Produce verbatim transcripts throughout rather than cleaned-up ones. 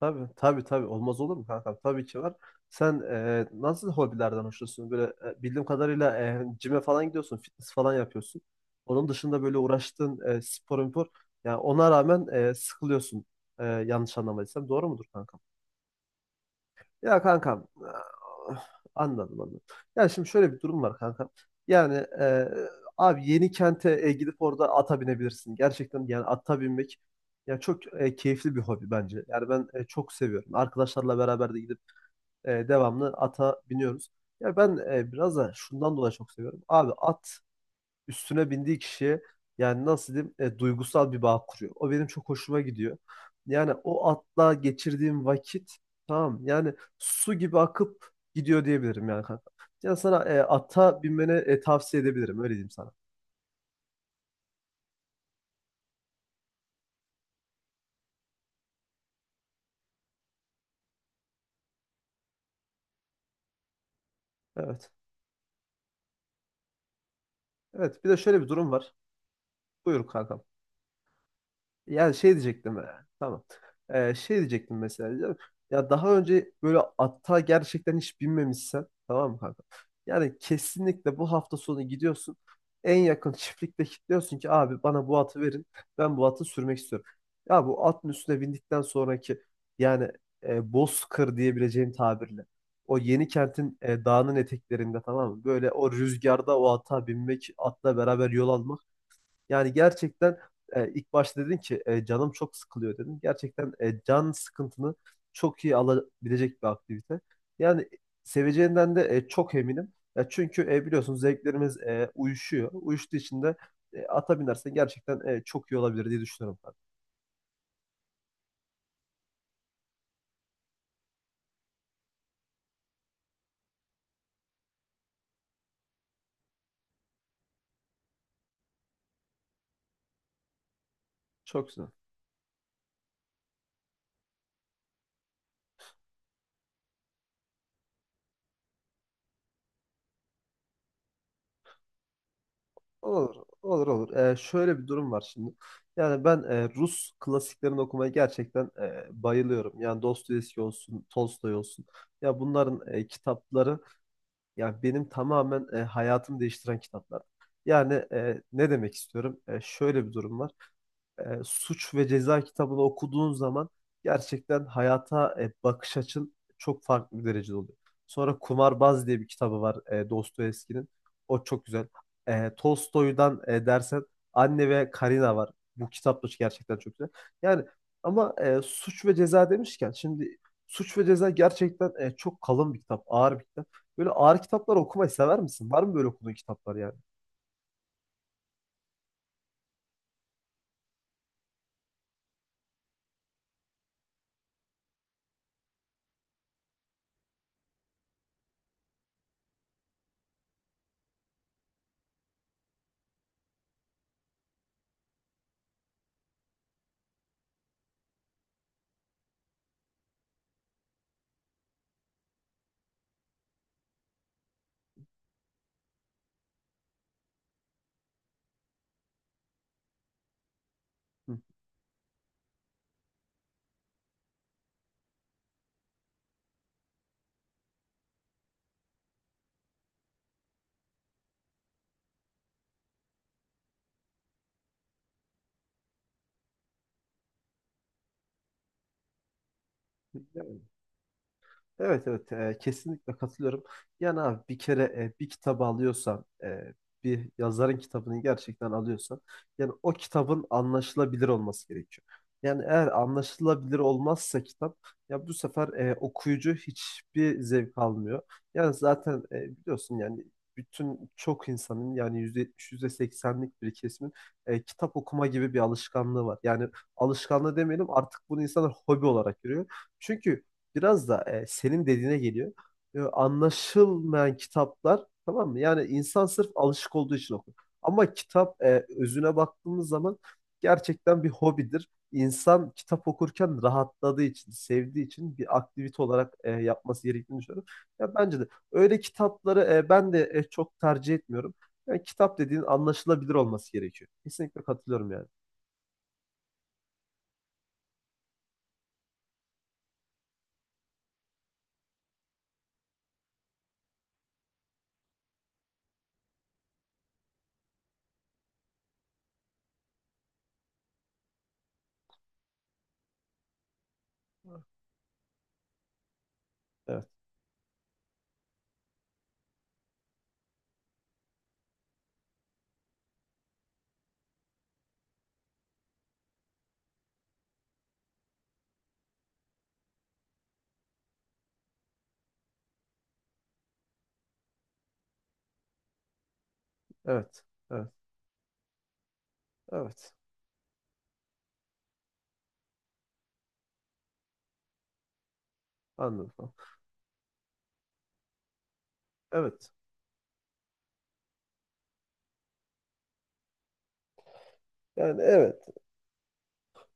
Tabii tabii tabii olmaz olur mu kankam? Tabii ki var. Sen e, nasıl hobilerden hoşlanıyorsun? Böyle e, bildiğim kadarıyla e, cime falan gidiyorsun, fitness falan yapıyorsun. Onun dışında böyle uğraştığın e, spor, spor yani ona rağmen e, sıkılıyorsun. E, yanlış anlamadıysam doğru mudur kankam? Ya kankam ah, anladım anladım. Ya şimdi şöyle bir durum var kankam. Yani e, abi yeni kente e, gidip orada ata binebilirsin. Gerçekten yani ata binmek ya çok e, keyifli bir hobi bence. Yani ben e, çok seviyorum. Arkadaşlarla beraber de gidip e, devamlı ata biniyoruz. Ya ben e, biraz da şundan dolayı çok seviyorum. Abi at üstüne bindiği kişiye yani nasıl diyeyim e, duygusal bir bağ kuruyor. O benim çok hoşuma gidiyor. Yani o atla geçirdiğim vakit tamam yani su gibi akıp gidiyor diyebilirim yani kanka. Yani sana e, ata binmeni e, tavsiye edebilirim öyle diyeyim sana. Evet. Evet bir de şöyle bir durum var. Buyur kanka. Yani şey diyecektim. e, Tamam. Ee, şey diyecektim mesela. Diyeceğim, ya daha önce böyle atta gerçekten hiç binmemişsen tamam mı kanka? Yani kesinlikle bu hafta sonu gidiyorsun. En yakın çiftlikte kilitliyorsun ki abi bana bu atı verin. Ben bu atı sürmek istiyorum. Ya bu atın üstüne bindikten sonraki yani e, bozkır diyebileceğim tabirle. O yeni kentin dağının eteklerinde tamam mı? Böyle o rüzgarda o ata binmek, atla beraber yol almak. Yani gerçekten e, ilk başta dedin ki e, canım çok sıkılıyor dedin. Gerçekten e, can sıkıntını çok iyi alabilecek bir aktivite. Yani seveceğinden de e, çok eminim. Ya çünkü e, biliyorsunuz zevklerimiz e, uyuşuyor. Uyuştuğu için de e, ata binersen gerçekten e, çok iyi olabilir diye düşünüyorum ben. Çok güzel. Olur, olur, olur. E, şöyle bir durum var şimdi. Yani ben e, Rus klasiklerini okumaya gerçekten e, bayılıyorum. Yani Dostoyevski olsun, Tolstoy olsun. Ya bunların e, kitapları, ya benim tamamen e, hayatımı değiştiren kitaplar. Yani e, ne demek istiyorum? E, şöyle bir durum var. E, Suç ve Ceza kitabını okuduğun zaman gerçekten hayata e, bakış açın çok farklı bir derecede oluyor. Sonra Kumarbaz diye bir kitabı var e, Dostoyevski'nin. O çok güzel. E, Tolstoy'dan e, dersen Anne ve Karina var. Bu kitap da gerçekten çok güzel. Yani ama e, Suç ve Ceza demişken şimdi Suç ve Ceza gerçekten e, çok kalın bir kitap, ağır bir kitap. Böyle ağır kitaplar okumayı sever misin? Var mı böyle okuduğun kitaplar yani? Hı. Evet evet e, kesinlikle katılıyorum. Yani abi bir kere e, bir kitabı alıyorsan e, bir yazarın kitabını gerçekten alıyorsan yani o kitabın anlaşılabilir olması gerekiyor. Yani eğer anlaşılabilir olmazsa kitap ya bu sefer e, okuyucu hiçbir zevk almıyor. Yani zaten e, biliyorsun yani bütün çok insanın yani yüzde yetmiş yüzde %80'lik bir kesimin e, kitap okuma gibi bir alışkanlığı var. Yani alışkanlığı demeyelim artık bunu insanlar hobi olarak görüyor. Çünkü biraz da e, senin dediğine geliyor. E, anlaşılmayan kitaplar tamam mı? Yani insan sırf alışık olduğu için okur. Ama kitap e, özüne baktığımız zaman gerçekten bir hobidir. İnsan kitap okurken rahatladığı için, sevdiği için bir aktivite olarak e, yapması gerektiğini düşünüyorum. Ya bence de öyle kitapları e, ben de e, çok tercih etmiyorum. Yani kitap dediğin anlaşılabilir olması gerekiyor. Kesinlikle katılıyorum yani. Evet, evet, evet, evet. Anladım. Evet. Yani evet.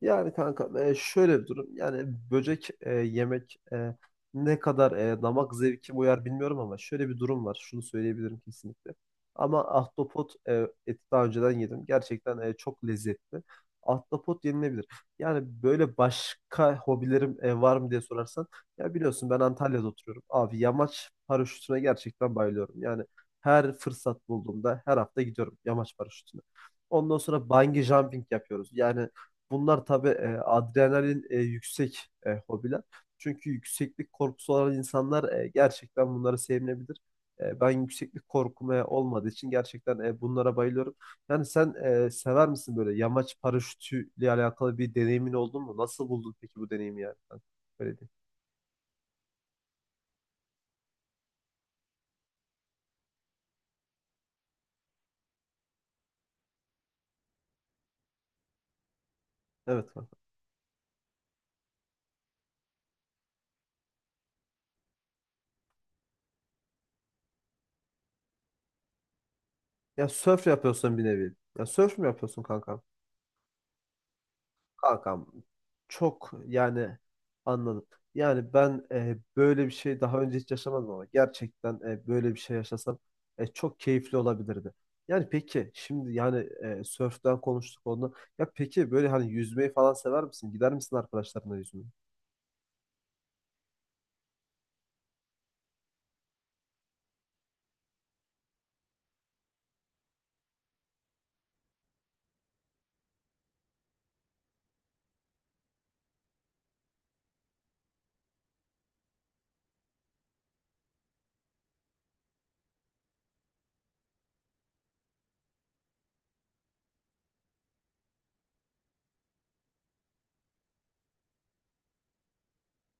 Yani kanka e, şöyle bir durum. Yani böcek e, yemek e, ne kadar e, damak zevkime uyar bilmiyorum ama şöyle bir durum var. Şunu söyleyebilirim kesinlikle. Ama ahtapot e, eti daha önceden yedim. Gerçekten e, çok lezzetli. Ahtapot yenilebilir. Yani böyle başka hobilerim e, var mı diye sorarsan. Ya biliyorsun ben Antalya'da oturuyorum. Abi yamaç paraşütüne gerçekten bayılıyorum. Yani her fırsat bulduğumda her hafta gidiyorum yamaç paraşütüne. Ondan sonra bungee jumping yapıyoruz. Yani bunlar tabii e, adrenalin e, yüksek e, hobiler. Çünkü yükseklik korkusu olan insanlar e, gerçekten bunları sevmeyebilir. E, ben yükseklik korkum e, olmadığı için gerçekten e, bunlara bayılıyorum. Yani sen e, sever misin böyle yamaç paraşütüyle alakalı bir deneyimin oldu mu? Nasıl buldun peki bu deneyimi yani? Ben öyle diyeyim. Evet kanka. Ya sörf yapıyorsun bir nevi. Ya sörf mü yapıyorsun kanka? Kankam çok yani anladım. Yani ben e, böyle bir şey daha önce hiç yaşamadım ama gerçekten e, böyle bir şey yaşasam e, çok keyifli olabilirdi. Yani peki şimdi yani e, sörften konuştuk onu. Ya peki böyle hani yüzmeyi falan sever misin? Gider misin arkadaşlarına yüzmeye?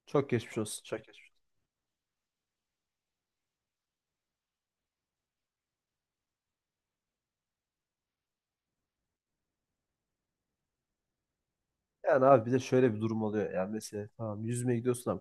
Çok geçmiş olsun. Çok geçmiş. Yani abi bir de şöyle bir durum oluyor. Yani mesela tamam yüzmeye gidiyorsun ama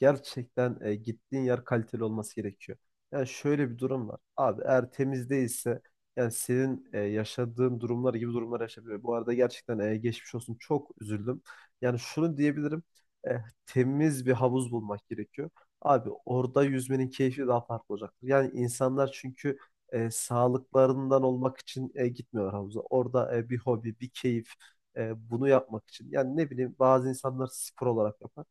gerçekten e, gittiğin yer kaliteli olması gerekiyor. Yani şöyle bir durum var. Abi eğer temiz değilse yani senin e, yaşadığın durumlar gibi durumlar yaşanıyor. Bu arada gerçekten e, geçmiş olsun çok üzüldüm. Yani şunu diyebilirim. e, temiz bir havuz bulmak gerekiyor. Abi orada yüzmenin keyfi daha farklı olacaktır. Yani insanlar çünkü e, sağlıklarından olmak için e, gitmiyorlar havuza. Orada e, bir hobi, bir keyif e, bunu yapmak için. Yani ne bileyim bazı insanlar spor olarak yapar.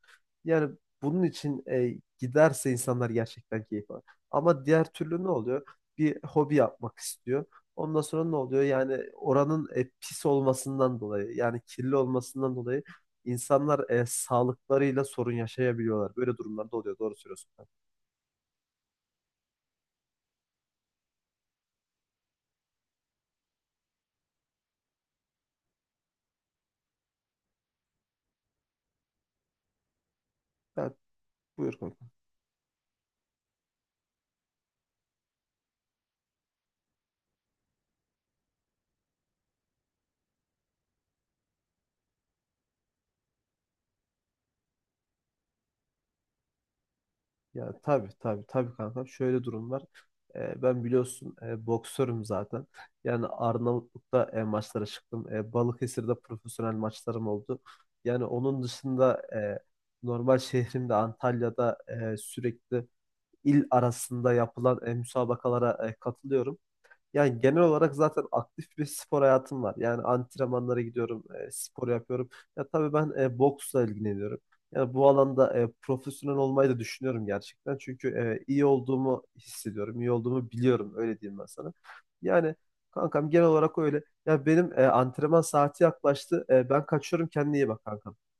Yani bunun için e, giderse insanlar gerçekten keyif alır. Ama diğer türlü ne oluyor? Bir hobi yapmak istiyor. Ondan sonra ne oluyor? Yani oranın e, pis olmasından dolayı, yani kirli olmasından dolayı insanlar e, sağlıklarıyla sorun yaşayabiliyorlar. Böyle durumlarda oluyor. Doğru söylüyorsun. Ben buyur kanka. Ya tabii tabii tabii kanka. Şöyle durum var. Ee, ben biliyorsun e, boksörüm zaten. Yani Arnavutluk'ta e, maçlara çıktım. E, Balıkesir'de profesyonel maçlarım oldu. Yani onun dışında e, normal şehrimde Antalya'da e, sürekli il arasında yapılan e, müsabakalara e, katılıyorum. Yani genel olarak zaten aktif bir spor hayatım var. Yani antrenmanlara gidiyorum, e, spor yapıyorum. Ya tabii ben e, boksla ilgileniyorum. Yani bu alanda e, profesyonel olmayı da düşünüyorum gerçekten. Çünkü e, iyi olduğumu hissediyorum, iyi olduğumu biliyorum. Öyle diyeyim ben sana. Yani kankam genel olarak öyle. Ya benim e, antrenman saati yaklaştı. E, ben kaçıyorum. Kendine iyi bak kankam.